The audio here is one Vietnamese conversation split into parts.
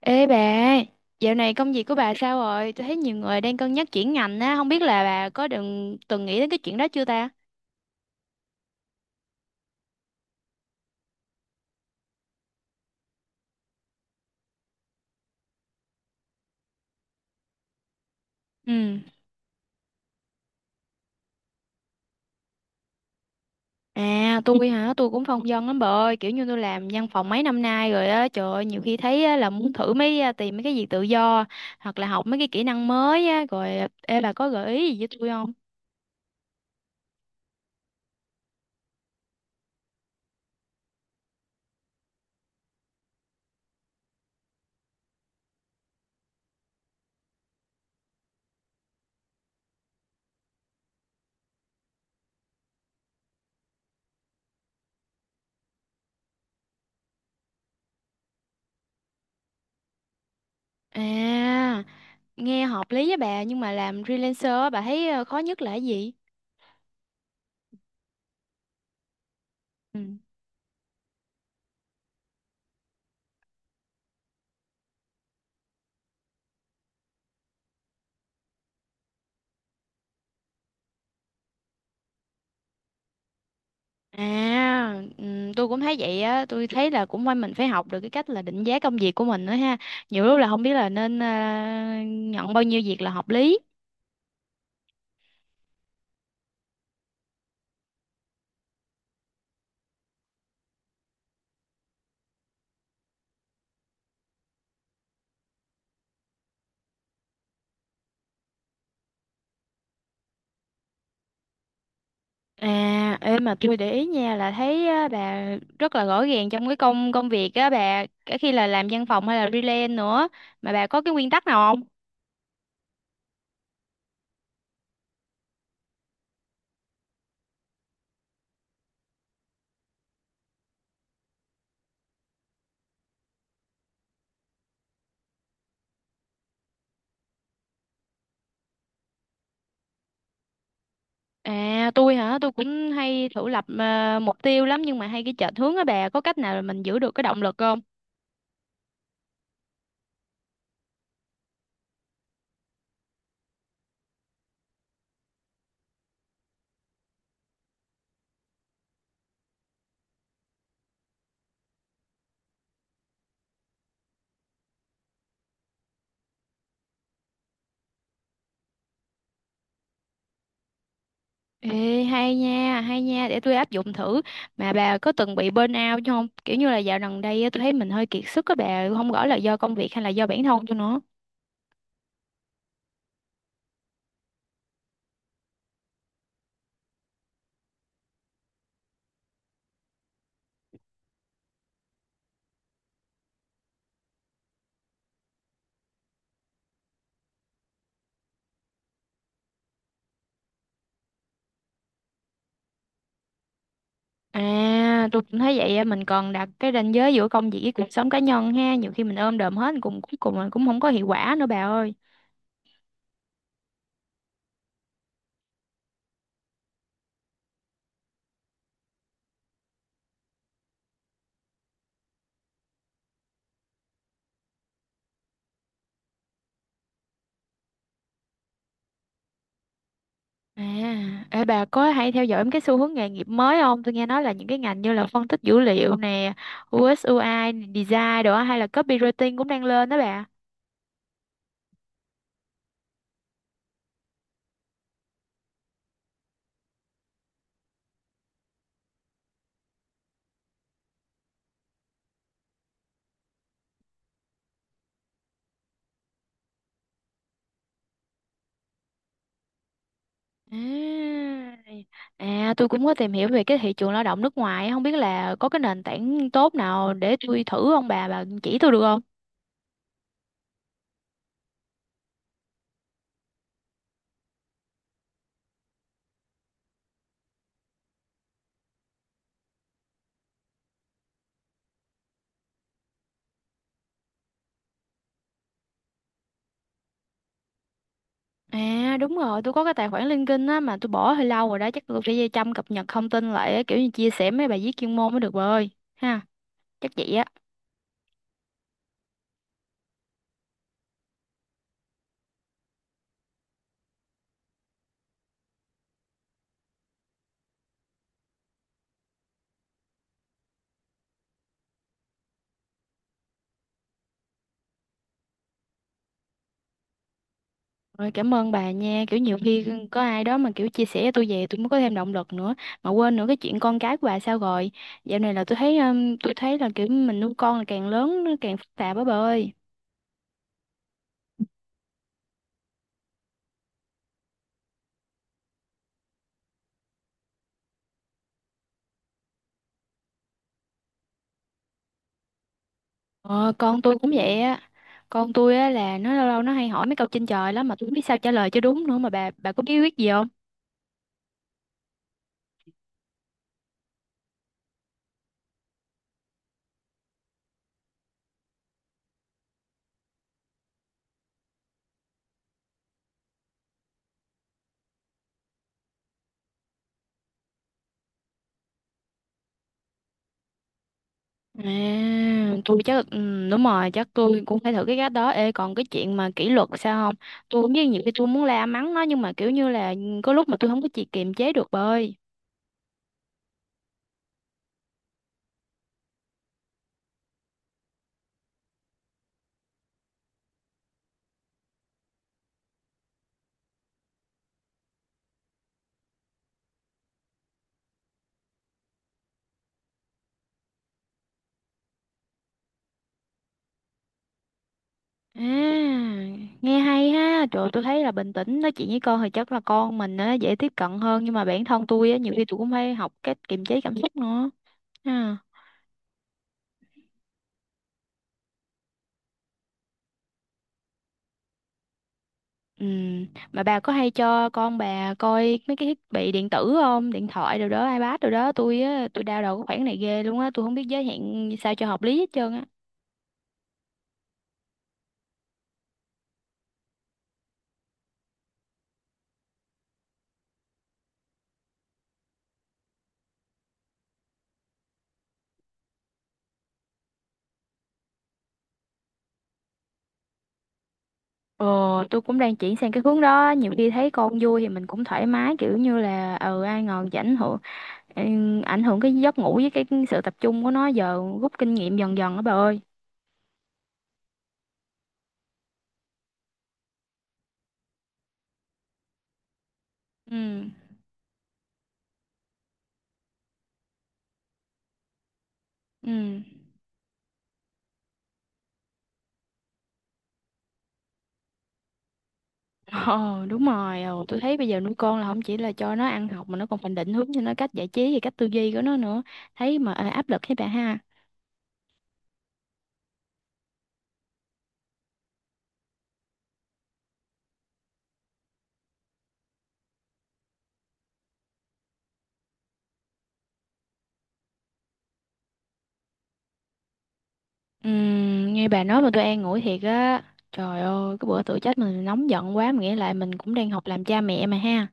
Ê bà, dạo này công việc của bà sao rồi? Tôi thấy nhiều người đang cân nhắc chuyển ngành á, không biết là bà có đừng từng nghĩ đến cái chuyện đó chưa ta? Ừ. À, tôi hả? Tôi cũng phong vân lắm bà ơi, kiểu như tôi làm văn phòng mấy năm nay rồi á, trời ơi, nhiều khi thấy á, là muốn thử mấy tìm mấy cái việc tự do hoặc là học mấy cái kỹ năng mới á, rồi ê bà có gợi ý gì với tôi không? À, nghe hợp lý với bà nhưng mà làm freelancer á, bà thấy khó nhất là cái gì? À, tôi cũng thấy vậy á, tôi thấy là cũng phải mình phải học được cái cách là định giá công việc của mình nữa ha. Nhiều lúc là không biết là nên nhận bao nhiêu việc là hợp lý. À, em mà tôi để ý nha là thấy á, bà rất là rõ ràng trong cái công công việc á bà, cả khi là làm văn phòng hay là freelance nữa mà bà có cái nguyên tắc nào không? À, tôi hả, tôi cũng hay thử lập mục tiêu lắm nhưng mà hay cái chệch hướng á bà, có cách nào là mình giữ được cái động lực không? Ê, hay nha, để tôi áp dụng thử. Mà bà có từng bị burnout chứ không? Kiểu như là dạo gần đây á, tôi thấy mình hơi kiệt sức các bà, không rõ là do công việc hay là do bản thân tôi nữa. À, tôi cũng thấy vậy á, mình còn đặt cái ranh giới giữa công việc với cuộc sống cá nhân ha, nhiều khi mình ôm đồm hết cùng cuối cùng là cũng không có hiệu quả nữa bà ơi. À, ê, bà có hay theo dõi cái xu hướng nghề nghiệp mới không? Tôi nghe nói là những cái ngành như là phân tích dữ liệu nè, UX UI, design đồ á, hay là copywriting cũng đang lên đó bà. À, à, tôi cũng có tìm hiểu về cái thị trường lao động nước ngoài, không biết là có cái nền tảng tốt nào để tôi thử không bà, bà chỉ tôi được không? À đúng rồi, tôi có cái tài khoản LinkedIn á mà tôi bỏ hơi lâu rồi đó, chắc tôi phải chăm cập nhật thông tin lại á, kiểu như chia sẻ mấy bài viết chuyên môn mới được bà ơi. Ha, chắc vậy á. Rồi cảm ơn bà nha, kiểu nhiều khi có ai đó mà kiểu chia sẻ cho tôi về tôi mới có thêm động lực nữa. Mà quên nữa, cái chuyện con cái của bà sao rồi? Dạo này là tôi thấy là kiểu mình nuôi con là càng lớn nó càng phức tạp á bà ơi. Ờ, con tôi cũng vậy á. Con tôi á là nó lâu lâu nó hay hỏi mấy câu trên trời lắm mà tôi không biết sao trả lời cho đúng nữa, mà bà có bí quyết gì không? À, tôi chắc đúng rồi, chắc tôi cũng phải thử cái cách đó. Ê còn cái chuyện mà kỷ luật sao không? Tôi cũng biết nhiều khi tôi muốn la mắng nó nhưng mà kiểu như là có lúc mà tôi không có chị kiềm chế được bà ơi. À, nghe hay ha. Trời ơi, tôi thấy là bình tĩnh nói chuyện với con thì chắc là con mình á dễ tiếp cận hơn, nhưng mà bản thân tôi á nhiều khi tôi cũng phải học cách kiềm chế cảm xúc nữa. Ha. Ừ. Mà bà có hay cho con bà coi mấy cái thiết bị điện tử không? Điện thoại rồi đó, iPad rồi đó. Tôi á, tôi đau đầu cái khoản này ghê luôn á. Tôi không biết giới hạn sao cho hợp lý hết trơn á. Ờ, tôi cũng đang chuyển sang cái hướng đó. Nhiều khi thấy con vui thì mình cũng thoải mái kiểu như là ừ ai ngờ chỉ ảnh hưởng ừ, ảnh hưởng cái giấc ngủ với cái sự tập trung của nó, giờ rút kinh nghiệm dần dần á bà ơi. Ừ. Ừ. Ờ đúng rồi, tôi thấy bây giờ nuôi con là không chỉ là cho nó ăn học mà nó còn phải định hướng cho nó cách giải trí và cách tư duy của nó nữa, thấy mà áp lực thấy bà ha. Nghe bà nói mà tôi an ủi thiệt á. Trời ơi cái bữa tự chết mình nóng giận quá mà nghĩa lại mình cũng đang học làm cha mẹ mà ha.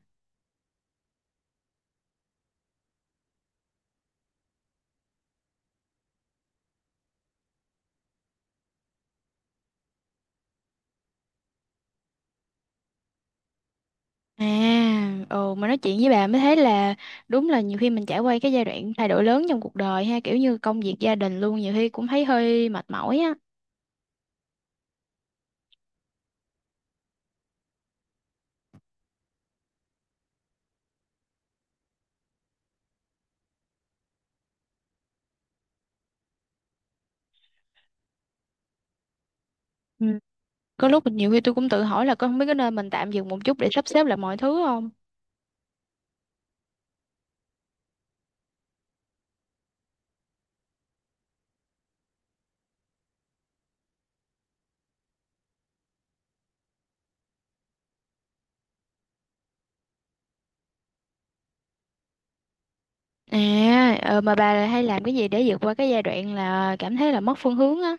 À ồ mà nói chuyện với bà mới thấy là đúng là nhiều khi mình trải qua cái giai đoạn thay đổi lớn trong cuộc đời ha, kiểu như công việc gia đình luôn, nhiều khi cũng thấy hơi mệt mỏi á. Ừ. Có lúc nhiều khi tôi cũng tự hỏi là có không biết có nên mình tạm dừng một chút để sắp xếp lại mọi thứ không. À, mà bà hay làm cái gì để vượt qua cái giai đoạn là cảm thấy là mất phương hướng á?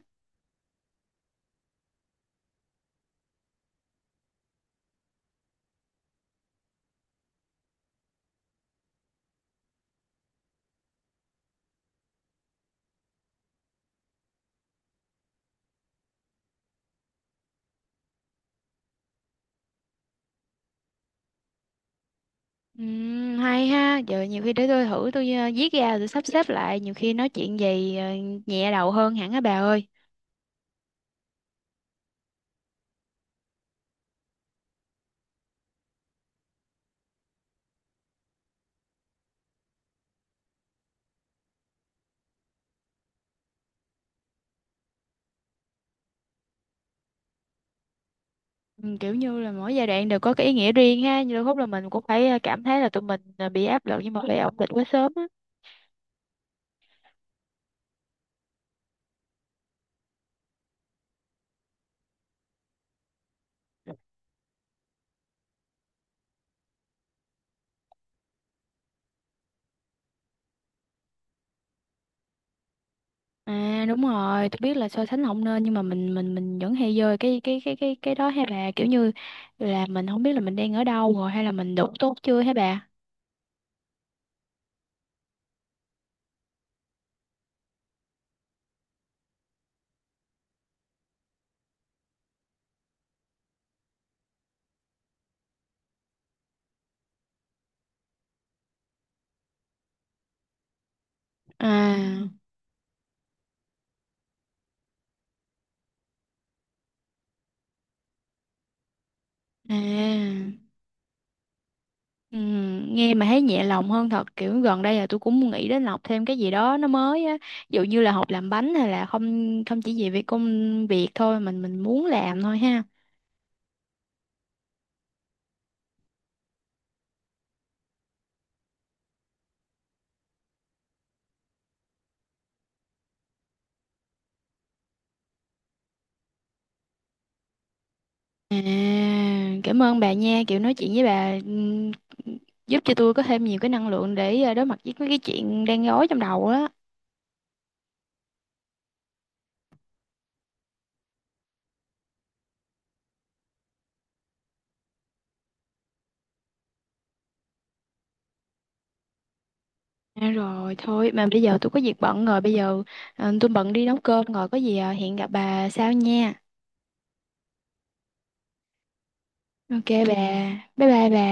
Hay ha, giờ nhiều khi để tôi thử tôi viết ra rồi sắp xếp lại, nhiều khi nói chuyện gì nhẹ đầu hơn hẳn á bà ơi. Kiểu như là mỗi giai đoạn đều có cái ý nghĩa riêng ha, nhưng đôi lúc là mình cũng phải cảm thấy là tụi mình bị áp lực nhưng mà phải ổn định quá sớm á. À đúng rồi, tôi biết là so sánh không nên nhưng mà mình vẫn hay rơi cái đó ha bà, kiểu như là mình không biết là mình đang ở đâu rồi hay là mình đủ tốt chưa hả bà? À. À, ừ, nghe mà thấy nhẹ lòng hơn thật, kiểu gần đây là tôi cũng nghĩ đến học thêm cái gì đó nó mới á, ví dụ như là học làm bánh hay là không không chỉ về việc công việc thôi, mình muốn làm thôi ha. À, cảm ơn bà nha, kiểu nói chuyện với bà giúp cho tôi có thêm nhiều cái năng lượng để đối mặt với mấy cái chuyện đang rối trong đầu á. À, rồi thôi mà bây giờ tôi có việc bận rồi, bây giờ tôi bận đi nấu cơm rồi, có gì hẹn gặp bà sau nha. Ok bà, bye bye bà.